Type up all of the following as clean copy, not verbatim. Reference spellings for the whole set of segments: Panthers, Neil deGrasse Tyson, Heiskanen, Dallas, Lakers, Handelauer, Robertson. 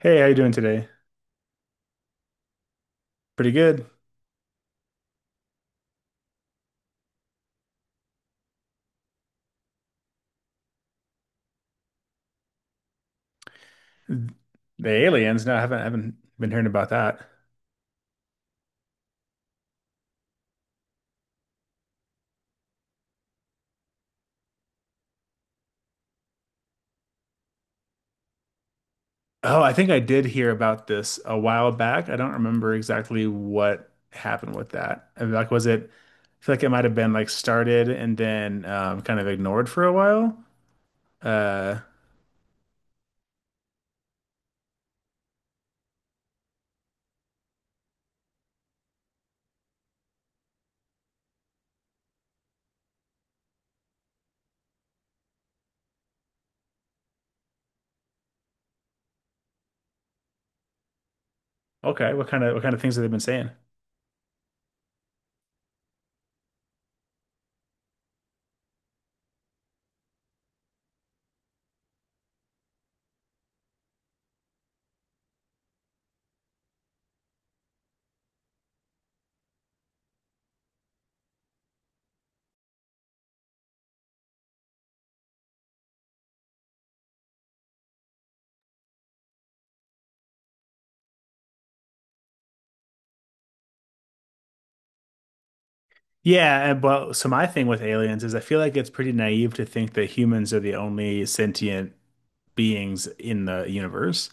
Hey, how you doing today? Pretty good. The aliens? No, I haven't been hearing about that. Oh, I think I did hear about this a while back. I don't remember exactly what happened with that. I mean, like, was it? I feel like it might have been like started and then kind of ignored for a while. Uh, okay, what kind of things have they been saying? Yeah, and well, so my thing with aliens is I feel like it's pretty naive to think that humans are the only sentient beings in the universe.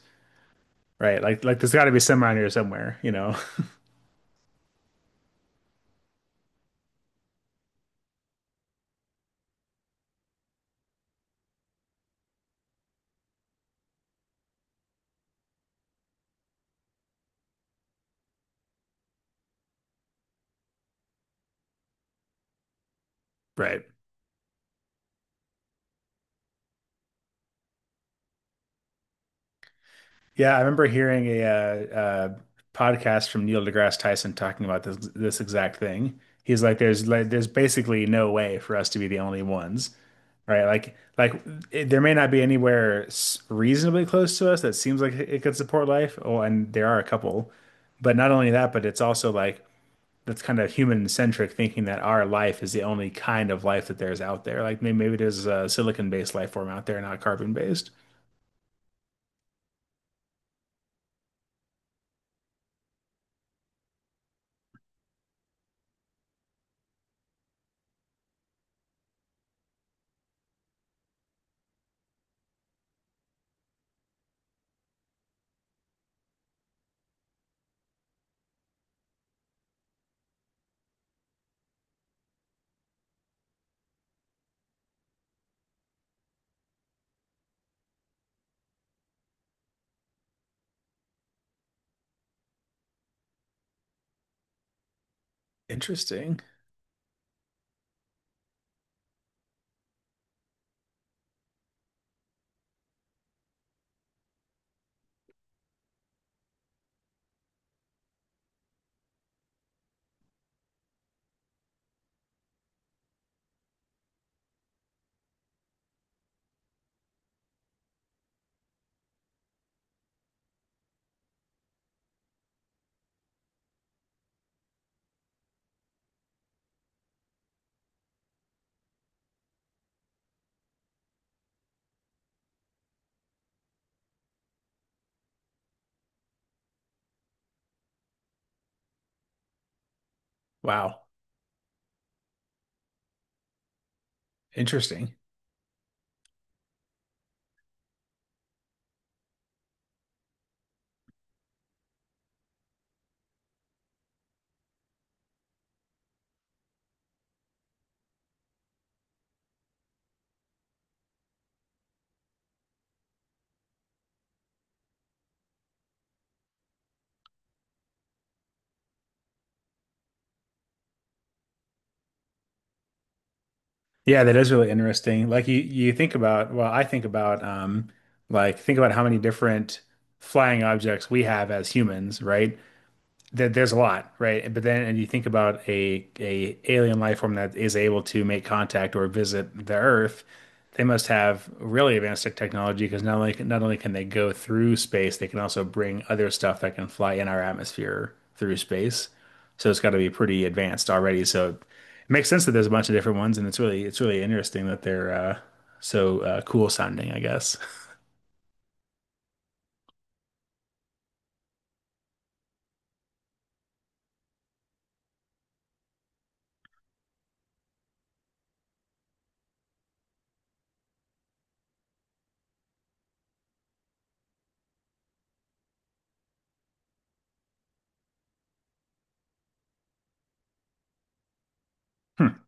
Right. Like there's got to be some around here somewhere, you know. Right. Yeah, I remember hearing a podcast from Neil deGrasse Tyson talking about this exact thing. He's like, there's basically no way for us to be the only ones, right? It, there may not be anywhere reasonably close to us that seems like it could support life. Oh, and there are a couple, but not only that, but it's also like that's kind of human centric thinking that our life is the only kind of life that there's out there. Like maybe there's a silicon based life form out there, not carbon based. Interesting. Wow. Interesting. Yeah, that is really interesting. Like you think about, like think about how many different flying objects we have as humans, right? There's a lot, right? But then, and you think about a alien life form that is able to make contact or visit the Earth, they must have really advanced technology because not only can they go through space, they can also bring other stuff that can fly in our atmosphere through space. So it's got to be pretty advanced already. So it makes sense that there's a bunch of different ones, and it's really interesting that they're so cool sounding, I guess.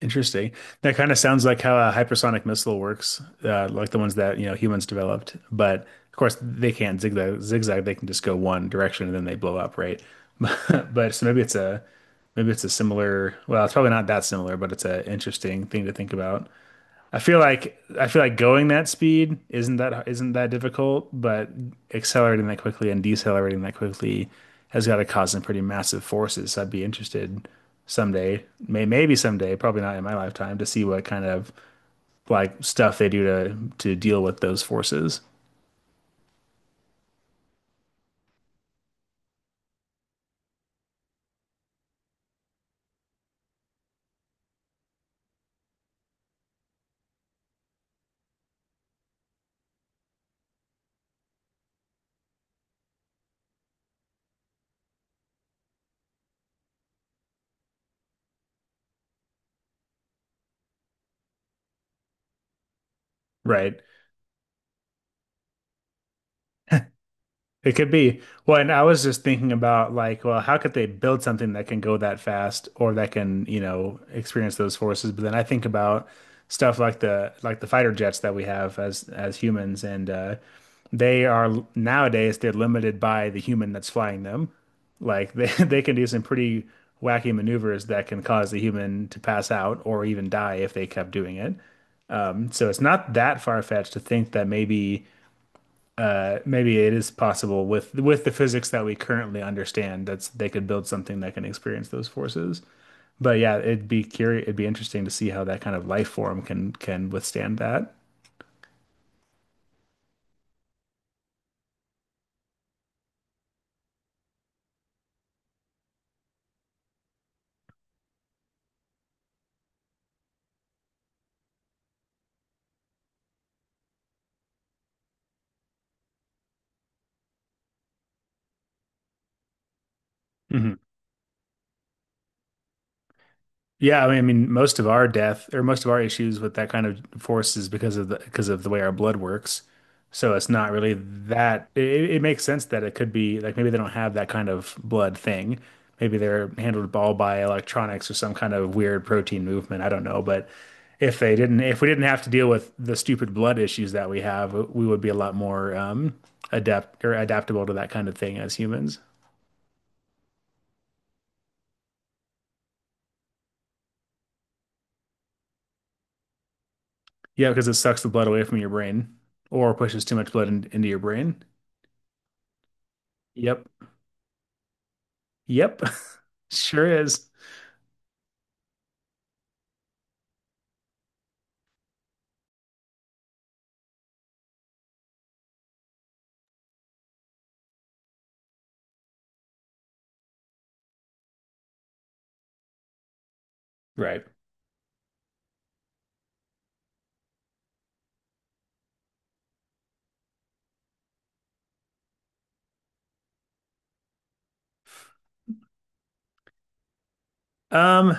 Interesting. That kind of sounds like how a hypersonic missile works, like the ones that, you know, humans developed. But of course, they can't zigzag. They can just go one direction and then they blow up, right? But so maybe it's a similar. Well, it's probably not that similar, but it's an interesting thing to think about. I feel like going that speed isn't that difficult, but accelerating that quickly and decelerating that quickly has got to cause some pretty massive forces. So I'd be interested someday, maybe someday, probably not in my lifetime, to see what kind of like stuff they do to deal with those forces. Right. It could be. Well, and I was just thinking about like, well, how could they build something that can go that fast or that can, you know, experience those forces? But then I think about stuff like the fighter jets that we have as humans, and they are nowadays they're limited by the human that's flying them. Like they they can do some pretty wacky maneuvers that can cause the human to pass out or even die if they kept doing it. So it's not that far-fetched to think that maybe it is possible with the physics that we currently understand that's they could build something that can experience those forces. But yeah, it'd be interesting to see how that kind of life form can withstand that. Hmm Yeah, I mean, most of our death or most of our issues with that kind of force is because of the way our blood works. So it's not really that. It makes sense that it could be like maybe they don't have that kind of blood thing. Maybe they're handled all by electronics or some kind of weird protein movement. I don't know, but if we didn't have to deal with the stupid blood issues that we have, we would be a lot more adept or adaptable to that kind of thing as humans. Yeah, because it sucks the blood away from your brain or pushes too much blood into your brain. Yep. Yep. Sure is. Right. Um,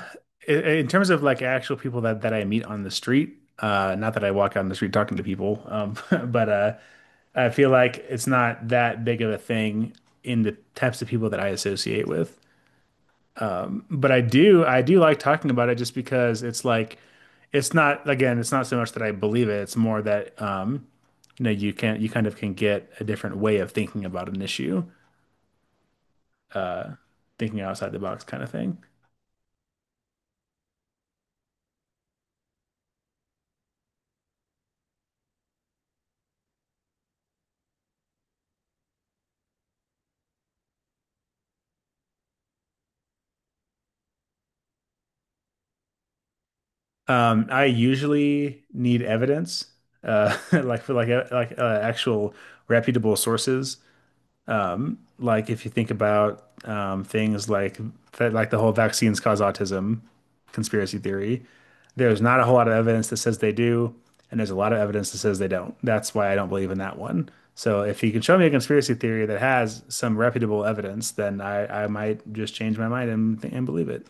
in terms of like actual people that I meet on the street, not that I walk out on the street talking to people, but I feel like it's not that big of a thing in the types of people that I associate with. But I do like talking about it just because it's like, it's not, again, it's not so much that I believe it. It's more that, you know, you kind of can get a different way of thinking about an issue, thinking outside the box kind of thing. I usually need evidence, like for like like actual reputable sources. Like if you think about things like that, like the whole vaccines cause autism conspiracy theory, there's not a whole lot of evidence that says they do, and there's a lot of evidence that says they don't. That's why I don't believe in that one. So if you can show me a conspiracy theory that has some reputable evidence, then I might just change my mind and believe it.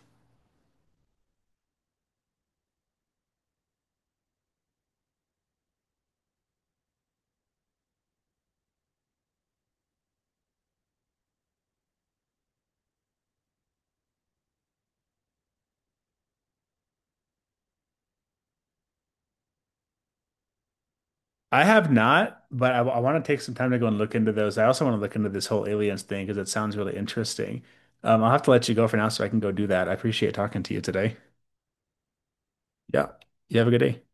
I have not, but I want to take some time to go and look into those. I also want to look into this whole aliens thing because it sounds really interesting. I'll have to let you go for now so I can go do that. I appreciate talking to you today. Yeah. You have a good day.